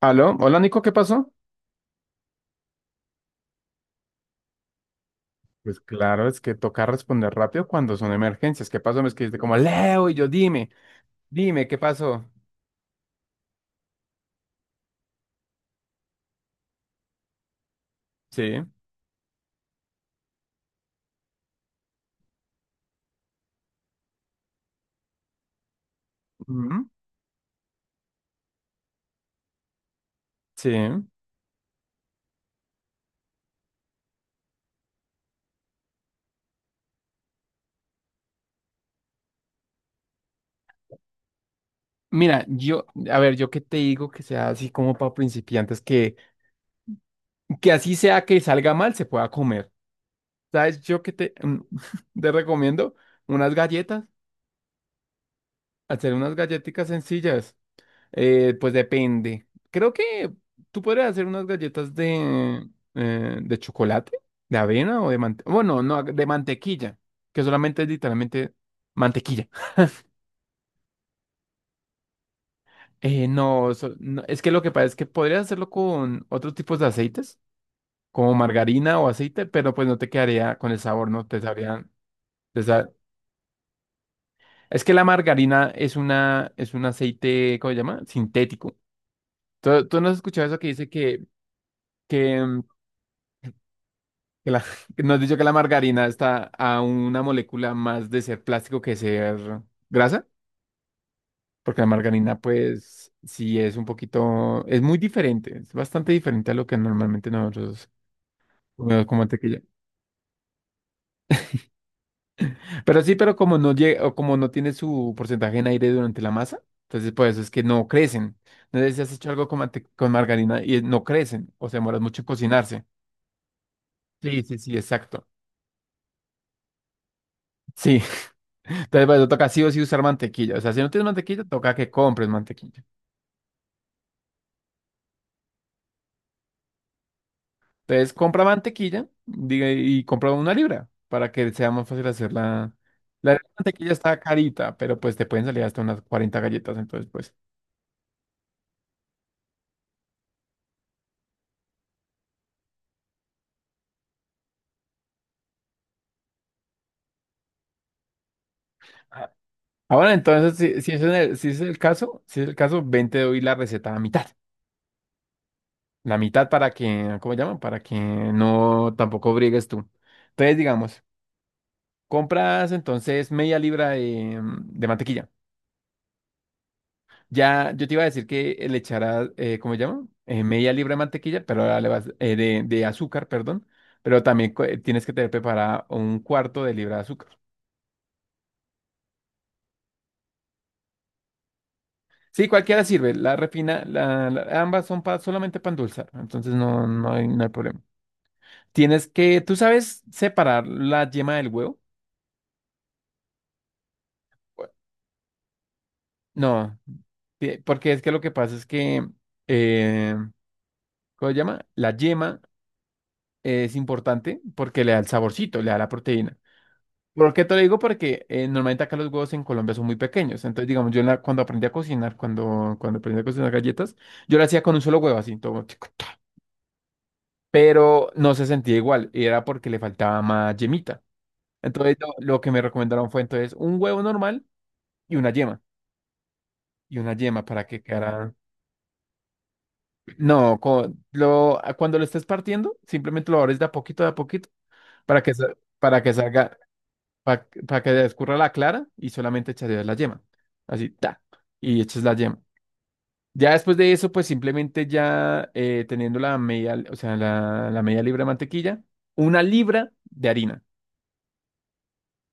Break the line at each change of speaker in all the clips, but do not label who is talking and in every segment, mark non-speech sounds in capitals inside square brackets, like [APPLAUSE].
Aló, hola Nico, ¿qué pasó? Pues claro, es que toca responder rápido cuando son emergencias. ¿Qué pasó? Me escribiste como Leo y yo, dime, dime, ¿qué pasó? Sí. Ujú. Sí. Mira, yo, a ver, yo qué te digo que sea así como para principiantes, que así sea que salga mal, se pueda comer. ¿Sabes? Yo que [LAUGHS] te recomiendo unas galletas, hacer unas galletitas sencillas. Pues depende. Creo que tú podrías hacer unas galletas de, de chocolate, de avena o de mantequilla. Bueno, no, de mantequilla, que solamente es literalmente mantequilla. [LAUGHS] No, no, es que lo que pasa es que podrías hacerlo con otros tipos de aceites, como margarina o aceite, pero pues no te quedaría con el sabor, no te sabrían. te sa- Es que la margarina es un aceite, ¿cómo se llama? Sintético. ¿Tú no has escuchado eso que dice que, que la- [LAUGHS] que Nos has dicho que la margarina está a una molécula más de ser plástico que ser grasa, porque la margarina, pues, es muy diferente, es bastante diferente a lo que normalmente nosotros comemos como mantequilla. Pero sí, pero como no llega, o como no tiene su porcentaje en aire durante la masa, entonces por eso es que no crecen. No sé si has hecho algo con margarina y no crecen, o se demoras mucho en cocinarse. Sí, sí, sí, exacto. Sí, [LAUGHS] entonces por eso toca sí o sí usar mantequilla. O sea, si no tienes mantequilla, toca que compres mantequilla. Entonces compra mantequilla diga, y compra una libra para que sea más fácil hacer la... La mantequilla está carita, pero pues te pueden salir hasta unas 40 galletas, entonces pues... ah, Ahora, entonces, si ese es el caso, si es el caso, ven, te doy la receta a mitad. La mitad para que, ¿cómo llaman? Para que no tampoco brigues tú. Entonces, digamos, compras entonces media libra de mantequilla. Ya, yo te iba a decir que le echarás, ¿cómo se llama? Media libra de mantequilla, pero ahora le vas, de azúcar, perdón. Pero también tienes que tener preparada un cuarto de libra de azúcar. Sí, cualquiera sirve. La refina, la- ambas son solamente para endulzar. Entonces no, no hay problema. Tienes que, ¿tú sabes separar la yema del huevo? Bueno, no, porque es que lo que pasa es que, eh, ¿cómo se llama? La yema es importante porque le da el saborcito, le da la proteína. ¿Por qué te lo digo? Porque normalmente acá los huevos en Colombia son muy pequeños. Entonces, digamos, yo cuando aprendí a cocinar, cuando aprendí a cocinar galletas, yo lo hacía con un solo huevo, así, todo, tic, tac. Pero no se sentía igual y era porque le faltaba más yemita. Entonces, lo que me recomendaron fue entonces un huevo normal y una yema. Y una yema para que quedara... No, cuando lo estés partiendo, simplemente lo abres de a poquito, para que salga... para que escurra la clara y solamente echarías la yema. Así, ta, y echas la yema. Ya después de eso, pues simplemente ya teniendo la media, o sea, la media libra de mantequilla, una libra de harina,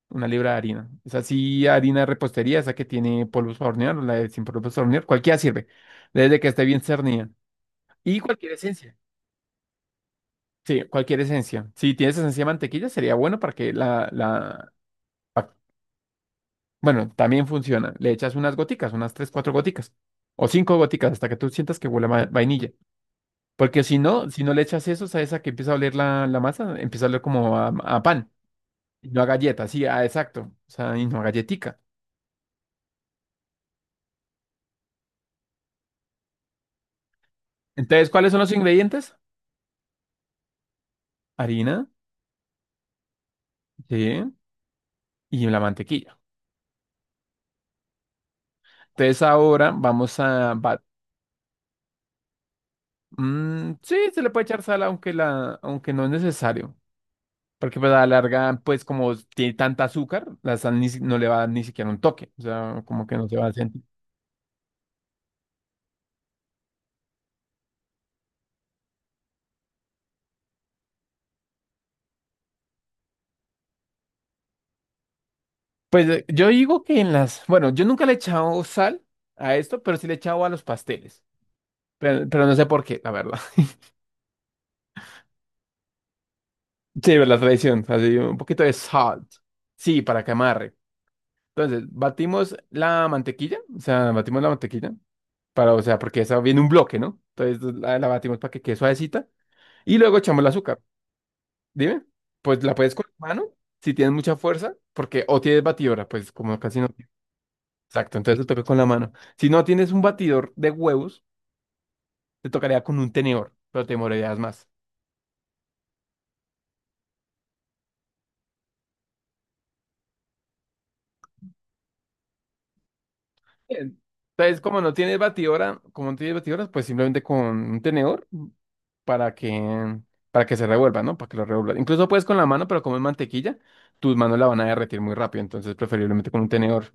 una libra de harina. Es así, harina de repostería, esa que tiene polvos para hornear, o la de sin polvos para hornear, cualquiera sirve, desde que esté bien cernida. Y cualquier esencia. Sí, cualquier esencia. Si tienes esencia de mantequilla, sería bueno para que la, para bueno, también funciona. Le echas unas goticas, unas tres, cuatro goticas. O cinco goticas hasta que tú sientas que huele a vainilla. Porque si no le echas eso, ¿sabes a esa que empieza a oler la masa, empieza a oler como a pan? Y no a galleta, sí, exacto. O sea, y no a galletica. Entonces, ¿cuáles son los ingredientes? Harina, sí, y la mantequilla. Entonces, ahora vamos a... sí, se le puede echar sal, aunque, aunque no es necesario. Porque pues a la larga, pues como tiene tanta azúcar, la sal ni si- no le va a dar ni siquiera un toque. O sea, como que no se va a sentir. Pues yo digo que en las... Bueno, yo nunca le he echado sal a esto, pero sí le he echado a los pasteles. Pero no sé por qué, la verdad. [LAUGHS] Sí, la tradición. Así, un poquito de sal. Sí, para que amarre. Entonces, batimos la mantequilla. O sea, batimos la mantequilla. Para, o sea, porque esa viene un bloque, ¿no? Entonces la batimos para que quede suavecita. Y luego echamos el azúcar. Dime, pues la puedes con la mano, si tienes mucha fuerza, porque o tienes batidora, pues como casi no tienes. Exacto, entonces te toca con la mano. Si no tienes un batidor de huevos, te tocaría con un tenedor, pero te demorarías más. Bien. Entonces, como no tienes batidora, como no tienes batidoras, pues simplemente con un tenedor para que para que se revuelva, ¿no? Para que lo revuelva. Incluso puedes con la mano, pero como es mantequilla, tus manos la van a derretir muy rápido, entonces preferiblemente con un tenedor.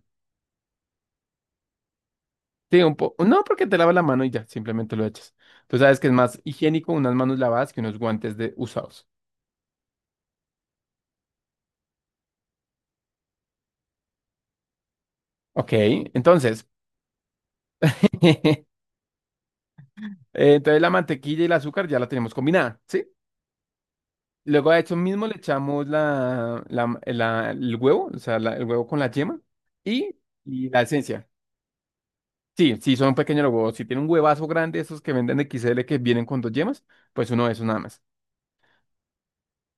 Sí, un poco. No, porque te lavas la mano y ya, simplemente lo echas. Tú sabes que es más higiénico unas manos lavadas que unos guantes de usados. Ok, entonces, [LAUGHS] eh, entonces la mantequilla y el azúcar ya la tenemos combinada, ¿sí? Luego a eso mismo le echamos el huevo, o sea, el huevo con la yema y, y la esencia. Sí, sí, son pequeños los huevos. Si tienen un huevazo grande, esos que venden de XL que vienen con dos yemas, pues uno de esos nada más.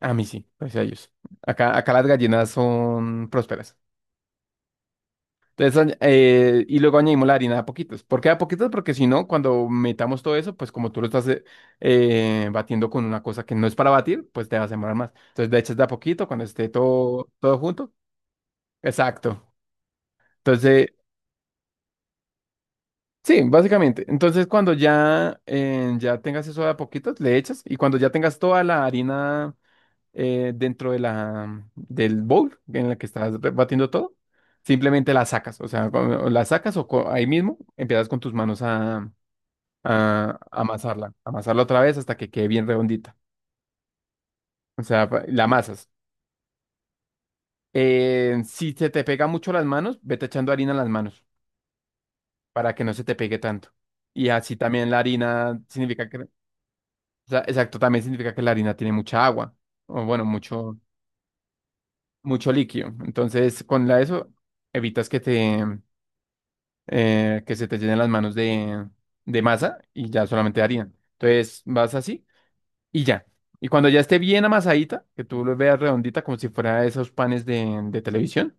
A mí sí, pues a ellos. Acá las gallinas son prósperas. Entonces, y luego añadimos la harina de a poquitos. ¿Por qué de a poquitos? Porque si no, cuando metamos todo eso, pues como tú lo estás batiendo con una cosa que no es para batir, pues te vas a demorar más. Entonces le echas de a poquito cuando esté todo, todo junto. Exacto. Entonces, sí, básicamente. Entonces cuando ya, ya tengas eso de a poquitos, le echas. Y cuando ya tengas toda la harina dentro de del bowl en la que estás batiendo todo, simplemente la sacas. O sea, la sacas o ahí mismo empiezas con tus manos a amasarla, amasarla otra vez hasta que quede bien redondita. O sea, la amasas. Si se te pega mucho las manos, vete echando harina en las manos para que no se te pegue tanto. Y así también la harina significa que, o sea, exacto, también significa que la harina tiene mucha agua o bueno, mucho, mucho líquido. Entonces, con la eso evitas que que se te llenen las manos de masa y ya solamente harina. Entonces, vas así, y ya. Y cuando ya esté bien amasadita, que tú lo veas redondita como si fuera esos panes de televisión,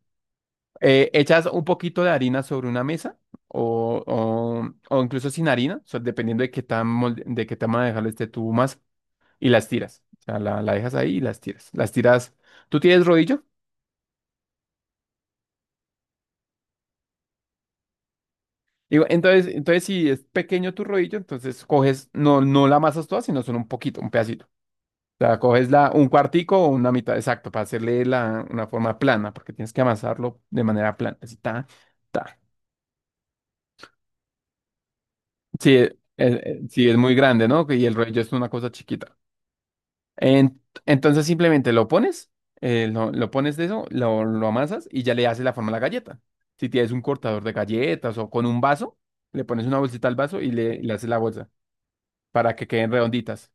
echas un poquito de harina sobre una mesa o, o, o incluso sin harina, o sea, dependiendo de qué de qué tamaño dejarlo este tu masa, y las tiras. O sea, la dejas ahí y las tiras. Las tiras. ¿Tú tienes rodillo? Digo, entonces, si es pequeño tu rodillo, entonces coges, no, no la amasas toda, sino solo un poquito, un pedacito. Sea, coges un cuartico o una mitad, exacto, para hacerle una forma plana, porque tienes que amasarlo de manera plana. Así, ta, ta. Sí, es muy grande, ¿no? Y el rollo es una cosa chiquita. Entonces simplemente lo pones de eso, lo amasas y ya le haces la forma a la galleta. Si tienes un cortador de galletas o con un vaso, le pones una bolsita al vaso y le haces la bolsa para que queden redonditas.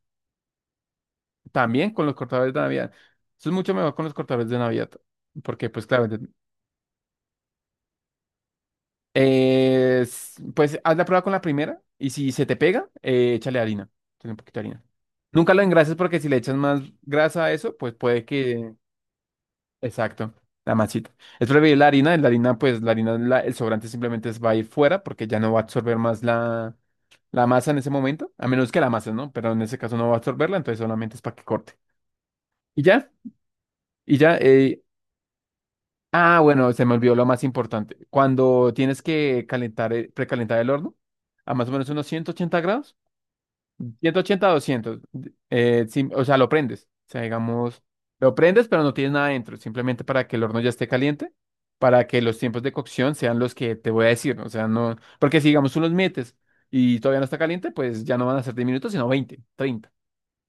También con los cortadores de Navidad. Eso es mucho mejor con los cortadores de Navidad. Porque, pues claro, pues haz la prueba con la primera y si se te pega, échale harina. Échale un poquito de harina. Nunca lo engrases porque si le echas más grasa a eso, pues puede que... Exacto, la masita. Es preferible la harina, el sobrante simplemente va a ir fuera porque ya no va a absorber más la masa en ese momento, a menos que la masa, ¿no? Pero en ese caso no va a absorberla, entonces solamente es para que corte. Y ya, y ya, eh, ah, bueno, se me olvidó lo más importante. Cuando tienes que calentar, precalentar el horno a más o menos unos 180 grados, 180 a 200, o sea, lo prendes. O sea, digamos, lo prendes, pero no tienes nada dentro, simplemente para que el horno ya esté caliente, para que los tiempos de cocción sean los que te voy a decir, ¿no? O sea, no, porque si digamos tú los metes y todavía no está caliente, pues ya no van a ser 10 minutos, sino 20, 30.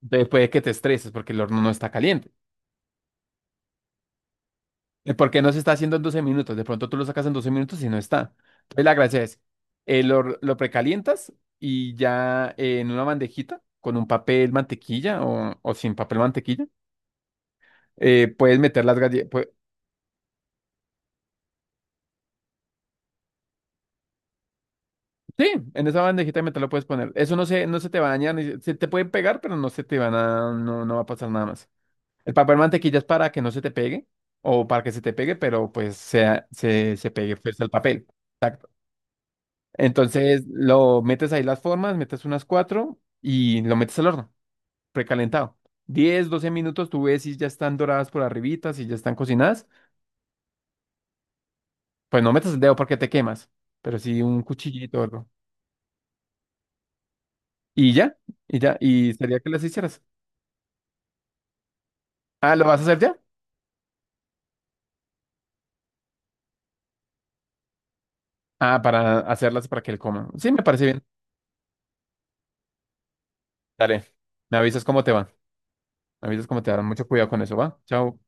Entonces puede que te estreses porque el horno no está caliente. Porque no se está haciendo en 12 minutos. De pronto tú lo sacas en 12 minutos y no está. Entonces la gracia es, lo precalientas y ya en una bandejita con un papel mantequilla o sin papel mantequilla, puedes meter las galletas. Sí, en esa bandejita de metal lo puedes poner. Eso no se te va a dañar, se te pueden pegar, pero no se te van a, no, no va a pasar nada más. El papel mantequilla es para que no se te pegue o para que se te pegue, pero pues sea, se pegue pues, el papel. Entonces lo metes ahí las formas, metes unas cuatro y lo metes al horno, precalentado. 10, 12 minutos, tú ves si ya están doradas por arribita, si ya están cocinadas. Pues no metas el dedo porque te quemas, pero sí un cuchillito o algo. Y ya, y sería que las hicieras. Ah, ¿lo vas a hacer ya? Ah, para hacerlas para que él coma. Sí, me parece bien. Dale, me avisas cómo te va. Me avisas cómo te va. Mucho cuidado con eso, ¿va? Chao.